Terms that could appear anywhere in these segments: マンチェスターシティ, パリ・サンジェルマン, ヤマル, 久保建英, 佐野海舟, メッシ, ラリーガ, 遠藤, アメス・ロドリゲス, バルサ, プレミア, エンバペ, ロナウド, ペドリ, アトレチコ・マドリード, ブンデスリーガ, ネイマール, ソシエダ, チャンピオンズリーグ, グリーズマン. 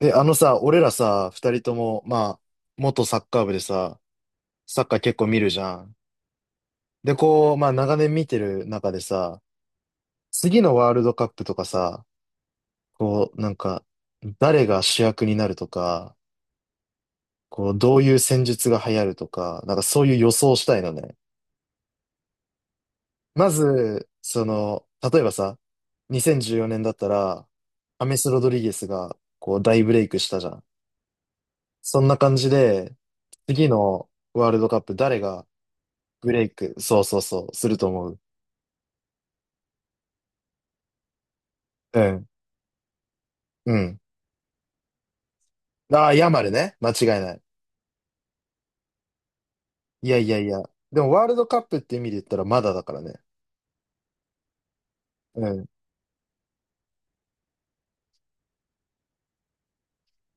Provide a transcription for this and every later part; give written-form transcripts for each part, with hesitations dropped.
あのさ、俺らさ、二人とも、まあ、元サッカー部でさ、サッカー結構見るじゃん。で、こう、まあ、長年見てる中でさ、次のワールドカップとかさ、こう、なんか、誰が主役になるとか、こう、どういう戦術が流行るとか、なんかそういう予想したいのね。まず、その、例えばさ、2014年だったら、アメス・ロドリゲスが、こう、大ブレイクしたじゃん。そんな感じで、次のワールドカップ誰がブレイク、そうそうそう、すると思う。うん、うん。ああ、ヤマルね。間違いない。いやいやいや。でも、ワールドカップって意味で言ったらまだだからね。うん。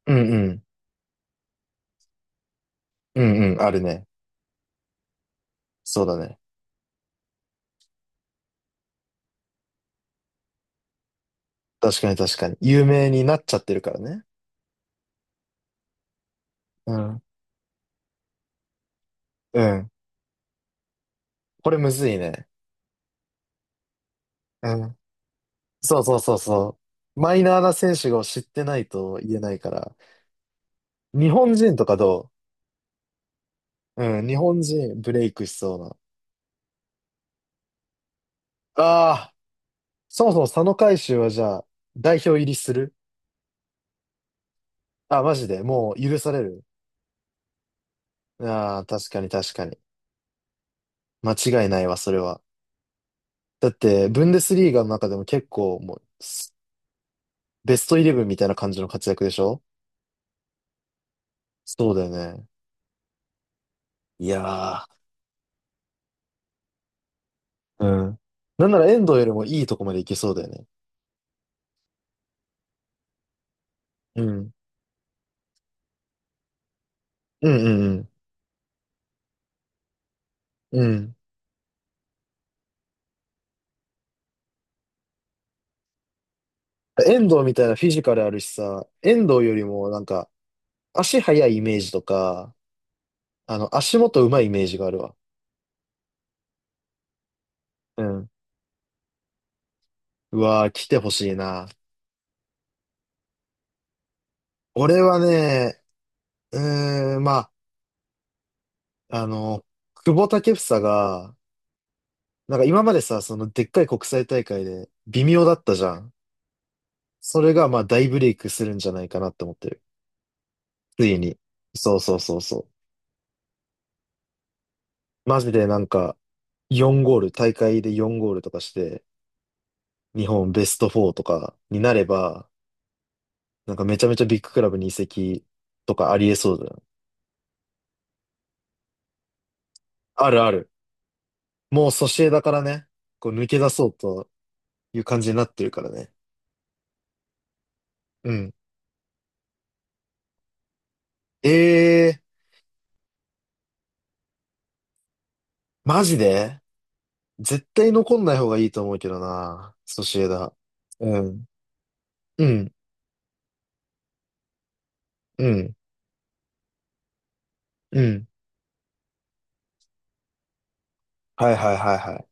うんうん。うんうん。あるね。そうだね。確かに確かに。有名になっちゃってるからね。うん。うん。これむずいね。うん。そうそうそうそう。マイナーな選手を知ってないと言えないから。日本人とかどううん。日本人ブレイクしそうな。ああ、そもそも佐野海舟はじゃあ、代表入りする。あ、マジで、もう許される。ああ、確かに確かに。間違いないわ、それは。だって、ブンデスリーガの中でも結構、もう、ベストイレブンみたいな感じの活躍でしょ？そうだよね。いやー、うん。なんなら遠藤よりもいいとこまでいけそうだよね。うん。うんうんうん。うん。遠藤みたいなフィジカルあるしさ、遠藤よりもなんか、足速いイメージとか、あの、足元上手いイメージがあるわ。うん。うわー、来てほしいな。俺はね、まあ、あの、久保建英が、なんか今までさ、そのでっかい国際大会で微妙だったじゃん。それがまあ大ブレイクするんじゃないかなって思ってる。ついに。そうそうそうそう。マジでなんか4ゴール、大会で4ゴールとかして、日本ベスト4とかになれば、なんかめちゃめちゃビッグクラブに移籍とかありえそうだよ。あるある。もうソシエダからね、こう抜け出そうという感じになってるからね。うん。ええー、マジで絶対残んない方がいいと思うけどな。ソシエダ。うん。うん。うん。うん。はいはいはいはい。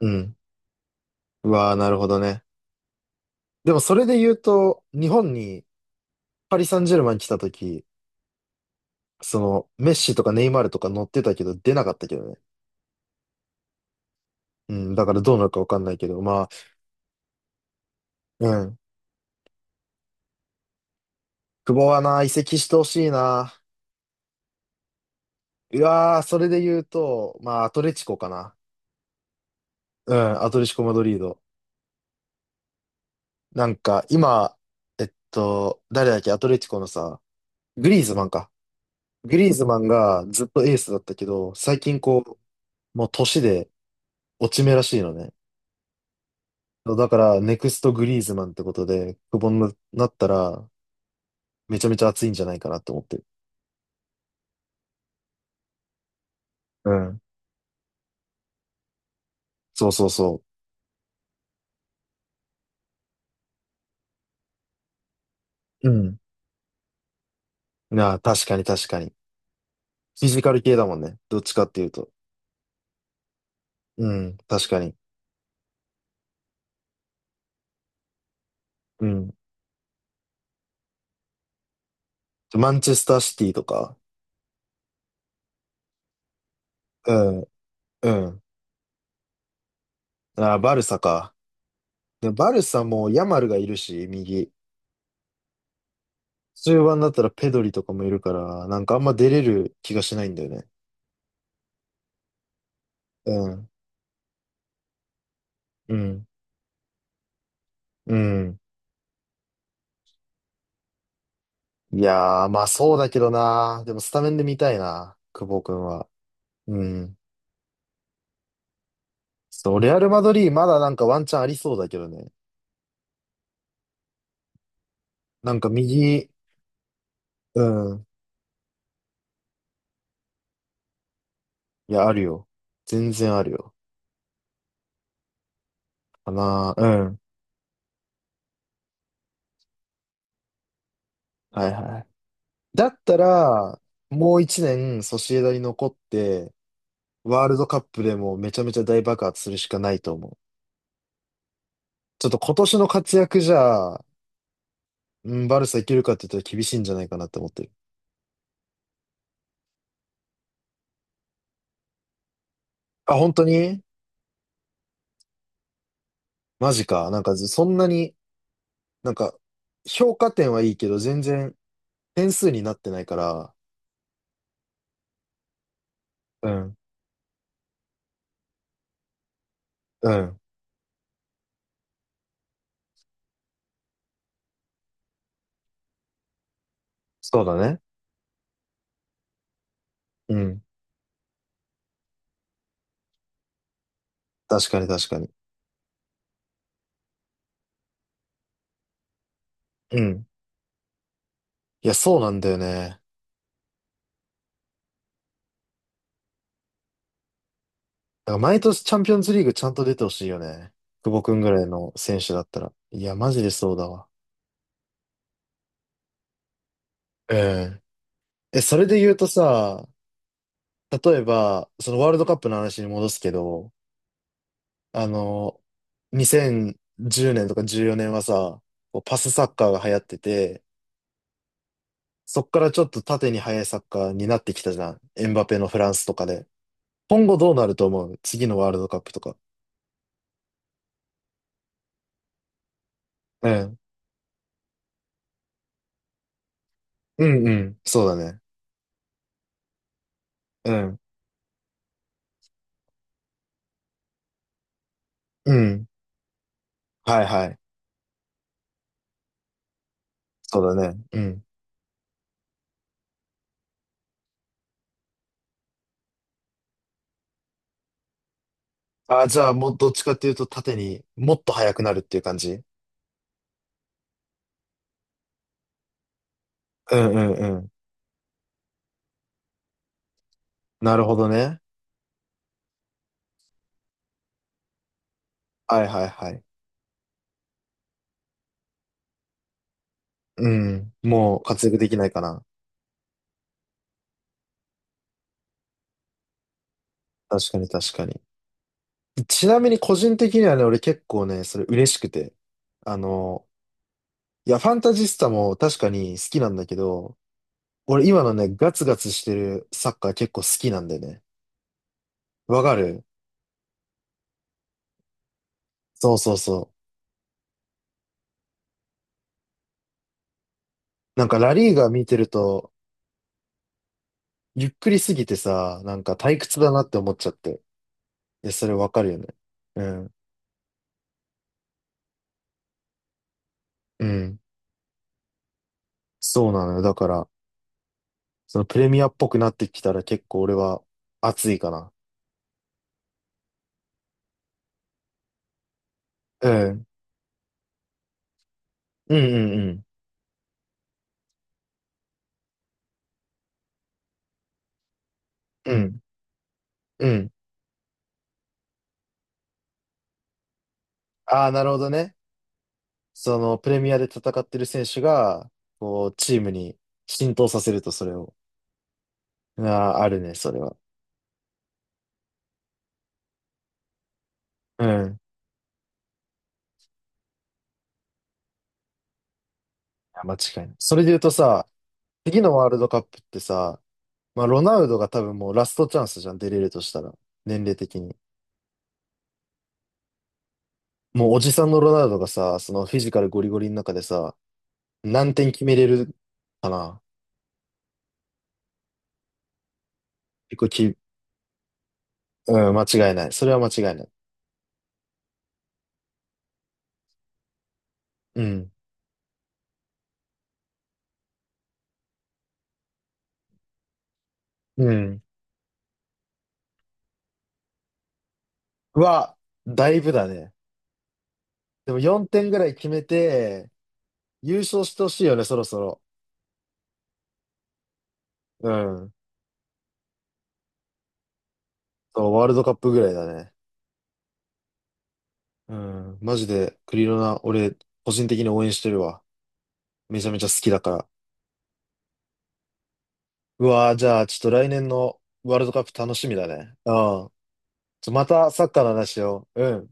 うん。うわあ、なるほどね。でもそれで言うと、日本にパリ・サンジェルマン来た時、その、メッシとかネイマールとか乗ってたけど出なかったけどね。うん。だからどうなるかわかんないけど、まあ、うん。久保はな、移籍してほしいな。うわー、それで言うと、まあ、アトレチコかな。うん、アトレチコ・マドリード。なんか、今、誰だっけ、アトレチコのさ、グリーズマンか。グリーズマンがずっとエースだったけど、最近こう、もう年で落ち目らしいのね。だから、ネクストグリーズマンってことで、久保になったら、めちゃめちゃ熱いんじゃないかなって思ってる。うん。そうそうそう。うん。なあ、確かに確かに。フィジカル系だもんね。どっちかっていうと。うん、確かに。うん。マンチェスターシティとか。うん、うん。ああ、バルサか。で、バルサもヤマルがいるし、右。中盤だったらペドリとかもいるから、なんかあんま出れる気がしないんだよね。うん、うん、うん。いやー、まあそうだけどな。でもスタメンで見たいな、久保くんは。うん。そう、レアル・マドリーまだなんかワンチャンありそうだけどね。なんか右、うん。いや、あるよ。全然あるよ。かな。うん。はいはい。だったら、もう一年ソシエダに残って、ワールドカップでもめちゃめちゃ大爆発するしかないと思う。ちょっと今年の活躍じゃ、うん、バルサいけるかって言ったら厳しいんじゃないかなって思ってる。あ、本当にマジか。なんか、そんなに、なんか、評価点はいいけど、全然点数になってないから。うん。うん。そうだね。うん。確かに確かに。うん。いや、そうなんだよね。だから毎年チャンピオンズリーグちゃんと出てほしいよね。久保くんぐらいの選手だったら。いや、マジでそうだわ。うん。え、それで言うとさ、例えば、そのワールドカップの話に戻すけど、あの、2010年とか14年はさ、こうパスサッカーが流行ってて、そっからちょっと縦に速いサッカーになってきたじゃん。エンバペのフランスとかで。今後どうなると思う次のワールドカップとか。うん。うんうん。そうだね。うん。うん。はいはい。そうだね。うん。あ、じゃあもうどっちかっていうと縦にもっと速くなるっていう感じ。うんうんうん。なるほどね。はいはいはい。うん。もう活躍できないかな。確かに確かに。ちなみに個人的にはね、俺結構ね、それ嬉しくて。あの、いや、ファンタジスタも確かに好きなんだけど、俺今のね、ガツガツしてるサッカー結構好きなんでね。わかる？そうそうそう。なんかラリーガ見てると、ゆっくりすぎてさ、なんか退屈だなって思っちゃって。いや、それわかるよね。うん。うん。そうなのよ。だから、そのプレミアっぽくなってきたら結構俺は熱いかな。うん。うんうんうん。うん。うん。ああ、なるほどね。そのプレミアで戦ってる選手が、こう、チームに浸透させるとそれを。ああ、あるね、それは。うん。いや間違いない。それで言うとさ、次のワールドカップってさ、まあ、ロナウドが多分もうラストチャンスじゃん、出れるとしたら。年齢的に。もうおじさんのロナウドがさ、そのフィジカルゴリゴリの中でさ、何点決めれるかな。結構き、うん、間違いない。それは間違いない。うん。うん。は、だいぶだね。でも4点ぐらい決めて、優勝してほしいよね、そろそろ。うん。そう、ワールドカップぐらいだね。うん。マジで、クリロナ、俺、個人的に応援してるわ。めちゃめちゃ好きだから。うわー、じゃあ、ちょっと来年のワールドカップ楽しみだね。うん。またサッカーの話を。うん。